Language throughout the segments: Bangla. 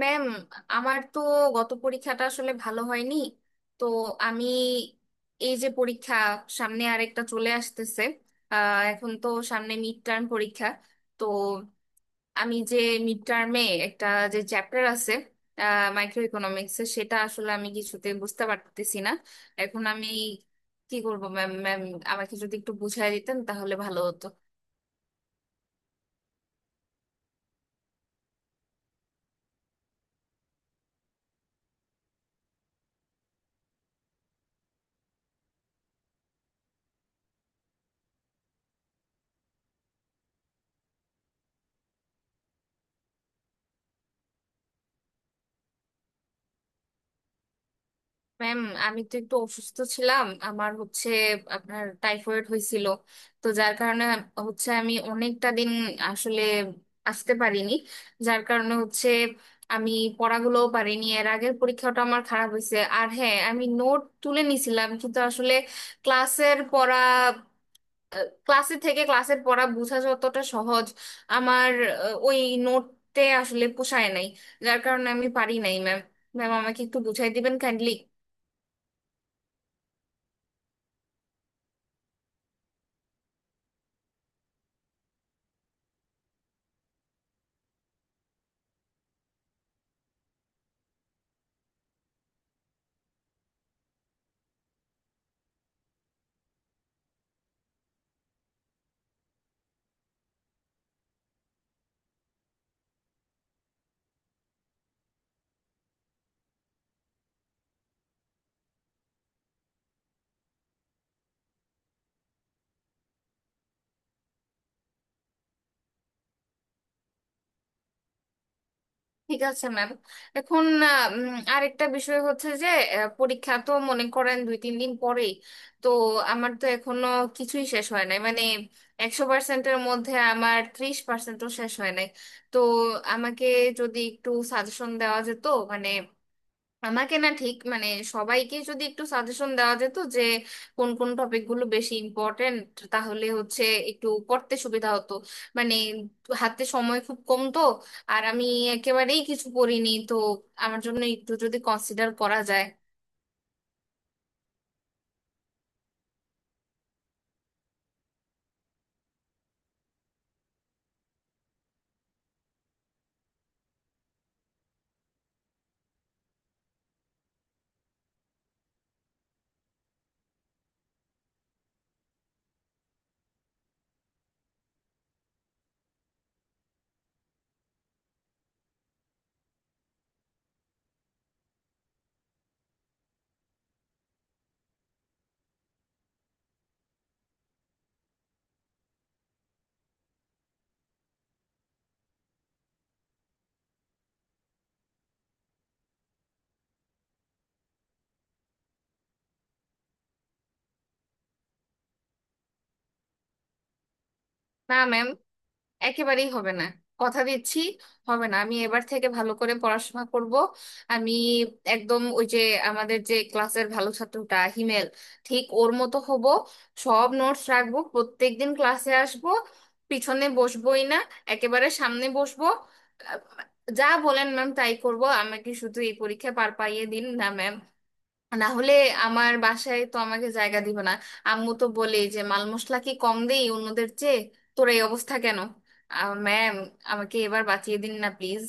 ম্যাম, আমার তো গত পরীক্ষাটা আসলে ভালো হয়নি। তো আমি, এই যে পরীক্ষা সামনে আরেকটা চলে আসতেছে, এখন তো সামনে মিড টার্ম পরীক্ষা। তো আমি যে মিড টার্মে একটা যে চ্যাপ্টার আছে মাইক্রো ইকোনমিক্সের, সেটা আসলে আমি কিছুতে বুঝতে পারতেছি না। এখন আমি কি করব? ম্যাম ম্যাম আমাকে যদি একটু বুঝাই দিতেন তাহলে ভালো হতো। ম্যাম, আমি তো একটু অসুস্থ ছিলাম, আমার হচ্ছে আপনার টাইফয়েড হয়েছিল, তো যার কারণে হচ্ছে আমি অনেকটা দিন আসলে আসতে পারিনি, যার কারণে হচ্ছে আমি পড়াগুলোও পারিনি। এর আগের পরীক্ষাটা আমার খারাপ হয়েছে। আর হ্যাঁ, আমি নোট তুলে নিছিলাম কিন্তু আসলে ক্লাসের পড়া, ক্লাসে থেকে ক্লাসের পড়া বোঝা যতটা সহজ, আমার ওই নোটতে আসলে পোষায় নাই, যার কারণে আমি পারি নাই ম্যাম। ম্যাম, আমাকে একটু বুঝাই দিবেন কাইন্ডলি। ঠিক আছে ম্যাম। এখন আরেকটা বিষয় হচ্ছে যে, পরীক্ষা তো মনে করেন দুই তিন দিন পরেই। তো আমার তো এখনো কিছুই শেষ হয় নাই, মানে 100 পার্সেন্টের মধ্যে আমার 30 পার্সেন্টও শেষ হয় নাই। তো আমাকে যদি একটু সাজেশন দেওয়া যেত, মানে আমাকে না ঠিক, মানে সবাইকে যদি একটু সাজেশন দেওয়া যেত যে কোন কোন টপিকগুলো বেশি ইম্পর্টেন্ট, তাহলে হচ্ছে একটু পড়তে সুবিধা হতো। মানে হাতে সময় খুব কম তো, আর আমি একেবারেই কিছু পড়িনি তো। আমার জন্য একটু যদি কনসিডার করা যায়। না ম্যাম, একেবারেই হবে না, কথা দিচ্ছি, হবে না। আমি এবার থেকে ভালো করে পড়াশোনা করব। আমি একদম ওই যে আমাদের যে ক্লাসের ভালো ছাত্রটা হিমেল, ঠিক ওর মতো হব। সব নোটস রাখবো, প্রত্যেকদিন ক্লাসে আসব, পিছনে বসবোই না, একেবারে সামনে বসবো। আহ, যা বলেন ম্যাম তাই করব, আমাকে শুধু এই পরীক্ষা পার পাইয়ে দিন না ম্যাম। না হলে আমার বাসায় তো আমাকে জায়গা দিবে না। আম্মু তো বলেই যে, মাল মশলা কি কম দেই অন্যদের চেয়ে, তোর এই অবস্থা কেন? ম্যাম, আমাকে এবার বাঁচিয়ে দিন না প্লিজ।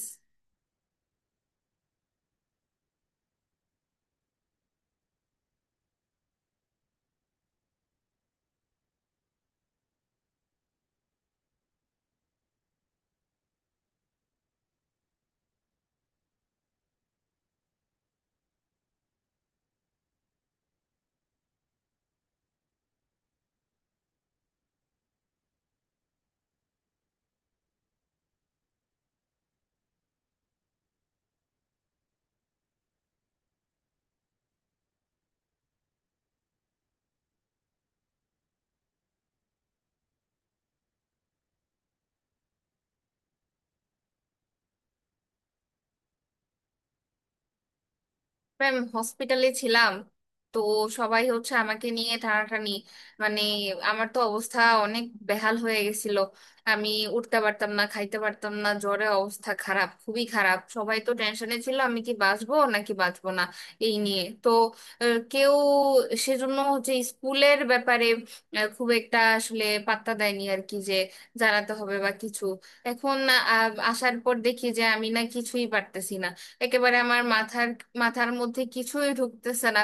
আমি হসপিটালে ছিলাম, তো সবাই হচ্ছে আমাকে নিয়ে টানাটানি, মানে আমার তো অবস্থা অনেক বেহাল হয়ে গেছিল। আমি উঠতে পারতাম না, খাইতে পারতাম না, জ্বরে অবস্থা খারাপ, খুবই খারাপ। সবাই তো টেনশনে ছিল আমি কি বাঁচবো নাকি বাঁচবো না, এই নিয়ে তো কেউ, সেজন্য হচ্ছে স্কুলের ব্যাপারে খুব একটা আসলে পাত্তা দেয়নি আর কি, যে জানাতে হবে বা কিছু। এখন আসার পর দেখি যে আমি না কিছুই পারতেছি না, একেবারে আমার মাথার মাথার মধ্যে কিছুই ঢুকতেছে না।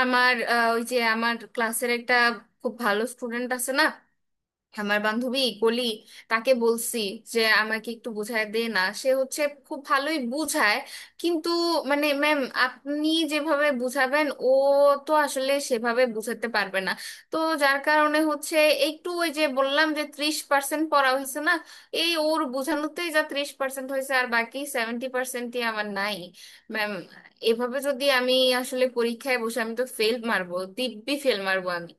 আমার ওই যে আমার ক্লাসের একটা খুব ভালো স্টুডেন্ট আছে না, আমার বান্ধবী কলি, তাকে বলছি যে আমাকে একটু বুঝায় দে না। সে হচ্ছে খুব ভালোই বুঝায় কিন্তু, মানে ম্যাম, আপনি যেভাবে বুঝাবেন ও তো আসলে সেভাবে বুঝাতে পারবে না। তো যার কারণে হচ্ছে, একটু ওই যে বললাম যে 30 পার্সেন্ট পড়া হয়েছে না, এই ওর বোঝানোতেই যা 30 পার্সেন্ট হয়েছে, আর বাকি 70 পার্সেন্টই আমার নাই ম্যাম। এভাবে যদি আমি আসলে পরীক্ষায় বসে, আমি তো ফেল মারবো, দিব্যি ফেল মারবো আমি।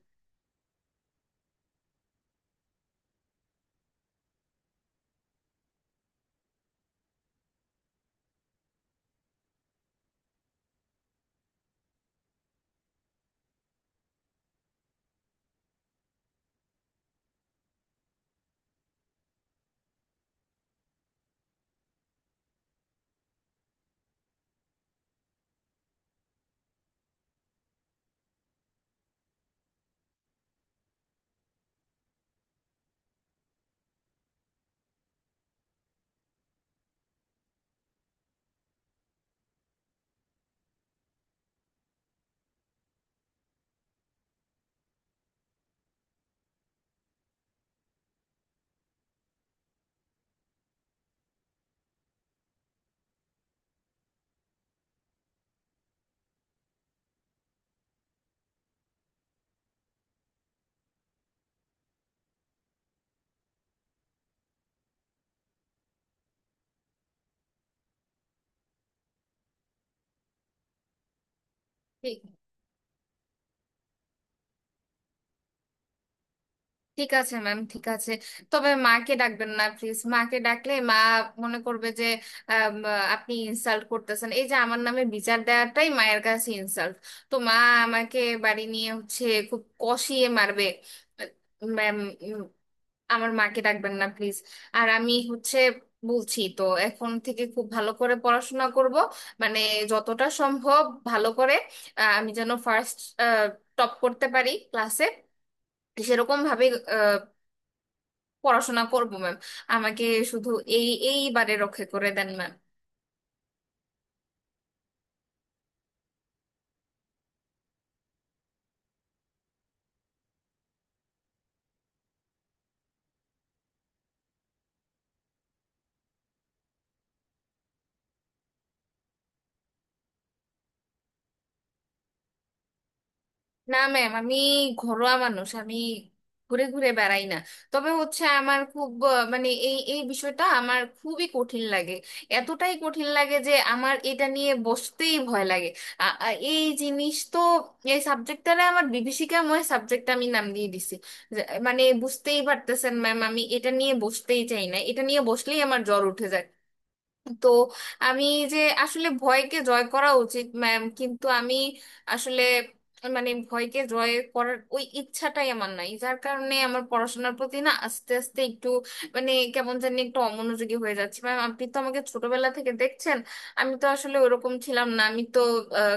ঠিক আছে ম্যাম, ঠিক আছে। তবে মাকে ডাকবেন না প্লিজ। মাকে ডাকলে মা মনে করবে যে, আম, আপনি ইনসাল্ট করতেছেন। এই যে আমার নামে বিচার দেওয়াটাই মায়ের কাছে ইনসাল্ট। তো মা আমাকে বাড়ি নিয়ে হচ্ছে খুব কষিয়ে মারবে। ম্যাম, আমার মাকে ডাকবেন না প্লিজ। আর আমি হচ্ছে বলছি তো, এখন থেকে খুব ভালো করে পড়াশোনা করব, মানে যতটা সম্ভব ভালো করে। আমি যেন ফার্স্ট টপ করতে পারি ক্লাসে, সেরকম ভাবে পড়াশোনা করব ম্যাম। আমাকে শুধু এই এইবারে রক্ষা করে দেন ম্যাম। না ম্যাম, আমি ঘরোয়া মানুষ, আমি ঘুরে ঘুরে বেড়াই না। তবে হচ্ছে আমার খুব মানে এই এই বিষয়টা আমার খুবই কঠিন লাগে, এতটাই কঠিন লাগে যে আমার এটা নিয়ে বসতেই ভয় লাগে। এই জিনিস তো, এই সাবজেক্টটারে আমার বিভীষিকাময় সাবজেক্ট আমি নাম দিয়ে দিছি। মানে বুঝতেই পারতেছেন ম্যাম, আমি এটা নিয়ে বসতেই চাই না, এটা নিয়ে বসলেই আমার জ্বর উঠে যায়। তো আমি যে আসলে ভয়কে জয় করা উচিত ম্যাম, কিন্তু আমি আসলে, মানে ভয়কে জয় করার ওই ইচ্ছাটাই আমার নাই, যার কারণে আমার পড়াশোনার প্রতি না আস্তে আস্তে একটু, মানে কেমন জানি একটু অমনোযোগী হয়ে যাচ্ছে ম্যাম। আপনি তো আমাকে ছোটবেলা থেকে দেখছেন, আমি তো আসলে ওরকম ছিলাম না। আমি তো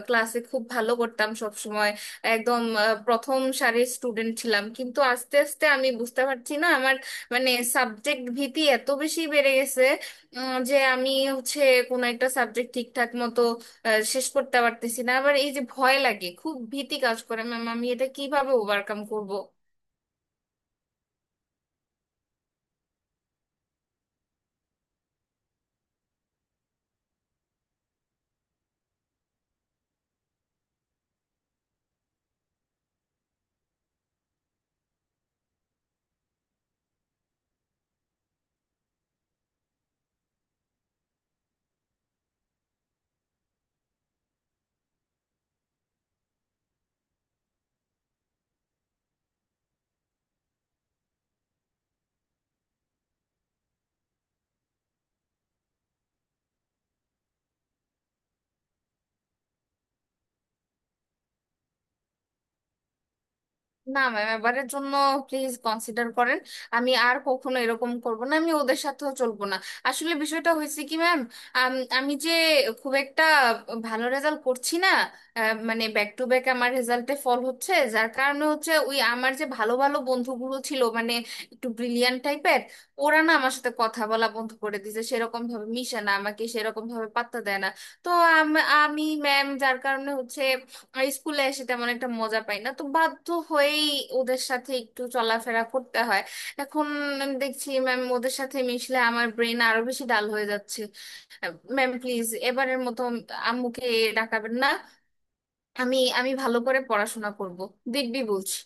ক্লাসে খুব ভালো করতাম সব সময়, একদম প্রথম সারির স্টুডেন্ট ছিলাম, কিন্তু আস্তে আস্তে আমি বুঝতে পারছি না আমার, মানে সাবজেক্ট ভীতি এত বেশি বেড়ে গেছে যে আমি হচ্ছে কোনো একটা সাবজেক্ট ঠিকঠাক মতো শেষ করতে পারতেছি না। আবার এই যে ভয় লাগে, খুব ভীতি কাজ করে ম্যাম, আমি এটা কিভাবে ওভারকাম করব? না ম্যাম, এবারের জন্য প্লিজ কনসিডার করেন, আমি আর কখনো এরকম করব না, আমি ওদের সাথেও চলবো না। আসলে বিষয়টা হয়েছে কি ম্যাম, আমি যে খুব একটা ভালো রেজাল্ট করছি না, মানে ব্যাক টু ব্যাক আমার রেজাল্টে ফল হচ্ছে, যার কারণে হচ্ছে ওই আমার যে ভালো ভালো বন্ধুগুলো ছিল, মানে একটু ব্রিলিয়ান্ট টাইপের, ওরা না আমার সাথে কথা বলা বন্ধ করে দিয়েছে, সেরকম ভাবে মিশে না, আমাকে সেরকম ভাবে পাত্তা দেয় না। তো আমি ম্যাম যার কারণে হচ্ছে আর স্কুলে এসে তেমন একটা মজা পাই না, তো বাধ্য হয়েই ওদের সাথে একটু চলাফেরা করতে হয়। এখন আমি দেখছি ম্যাম, ওদের সাথে মিশলে আমার ব্রেন আরো বেশি ডাল হয়ে যাচ্ছে। ম্যাম প্লিজ, এবারের মতো আম্মুকে ডাকাবেন না। আমি আমি ভালো করে পড়াশোনা করব, দেখবি বলছি।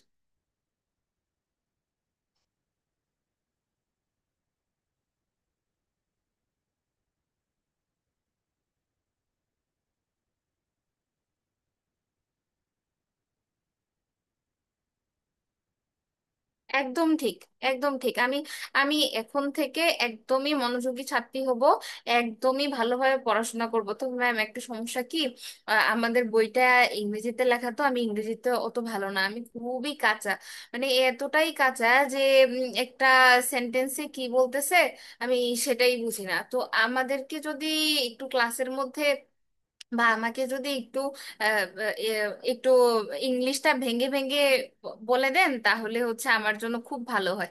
একদম ঠিক, একদম ঠিক। আমি আমি এখন থেকে একদমই মনোযোগী ছাত্রী হব, একদমই ভালোভাবে পড়াশোনা করব। তো ম্যাম, একটা সমস্যা কি, আমাদের বইটা ইংরেজিতে লেখা তো, আমি ইংরেজিতে অত ভালো না, আমি খুবই কাঁচা, মানে এতটাই কাঁচা যে একটা সেন্টেন্সে কি বলতেছে আমি সেটাই বুঝি না। তো আমাদেরকে যদি একটু ক্লাসের মধ্যে, বা আমাকে যদি একটু আহ, এ, একটু ইংলিশটা ভেঙে ভেঙে বলে দেন তাহলে হচ্ছে আমার জন্য খুব ভালো হয়।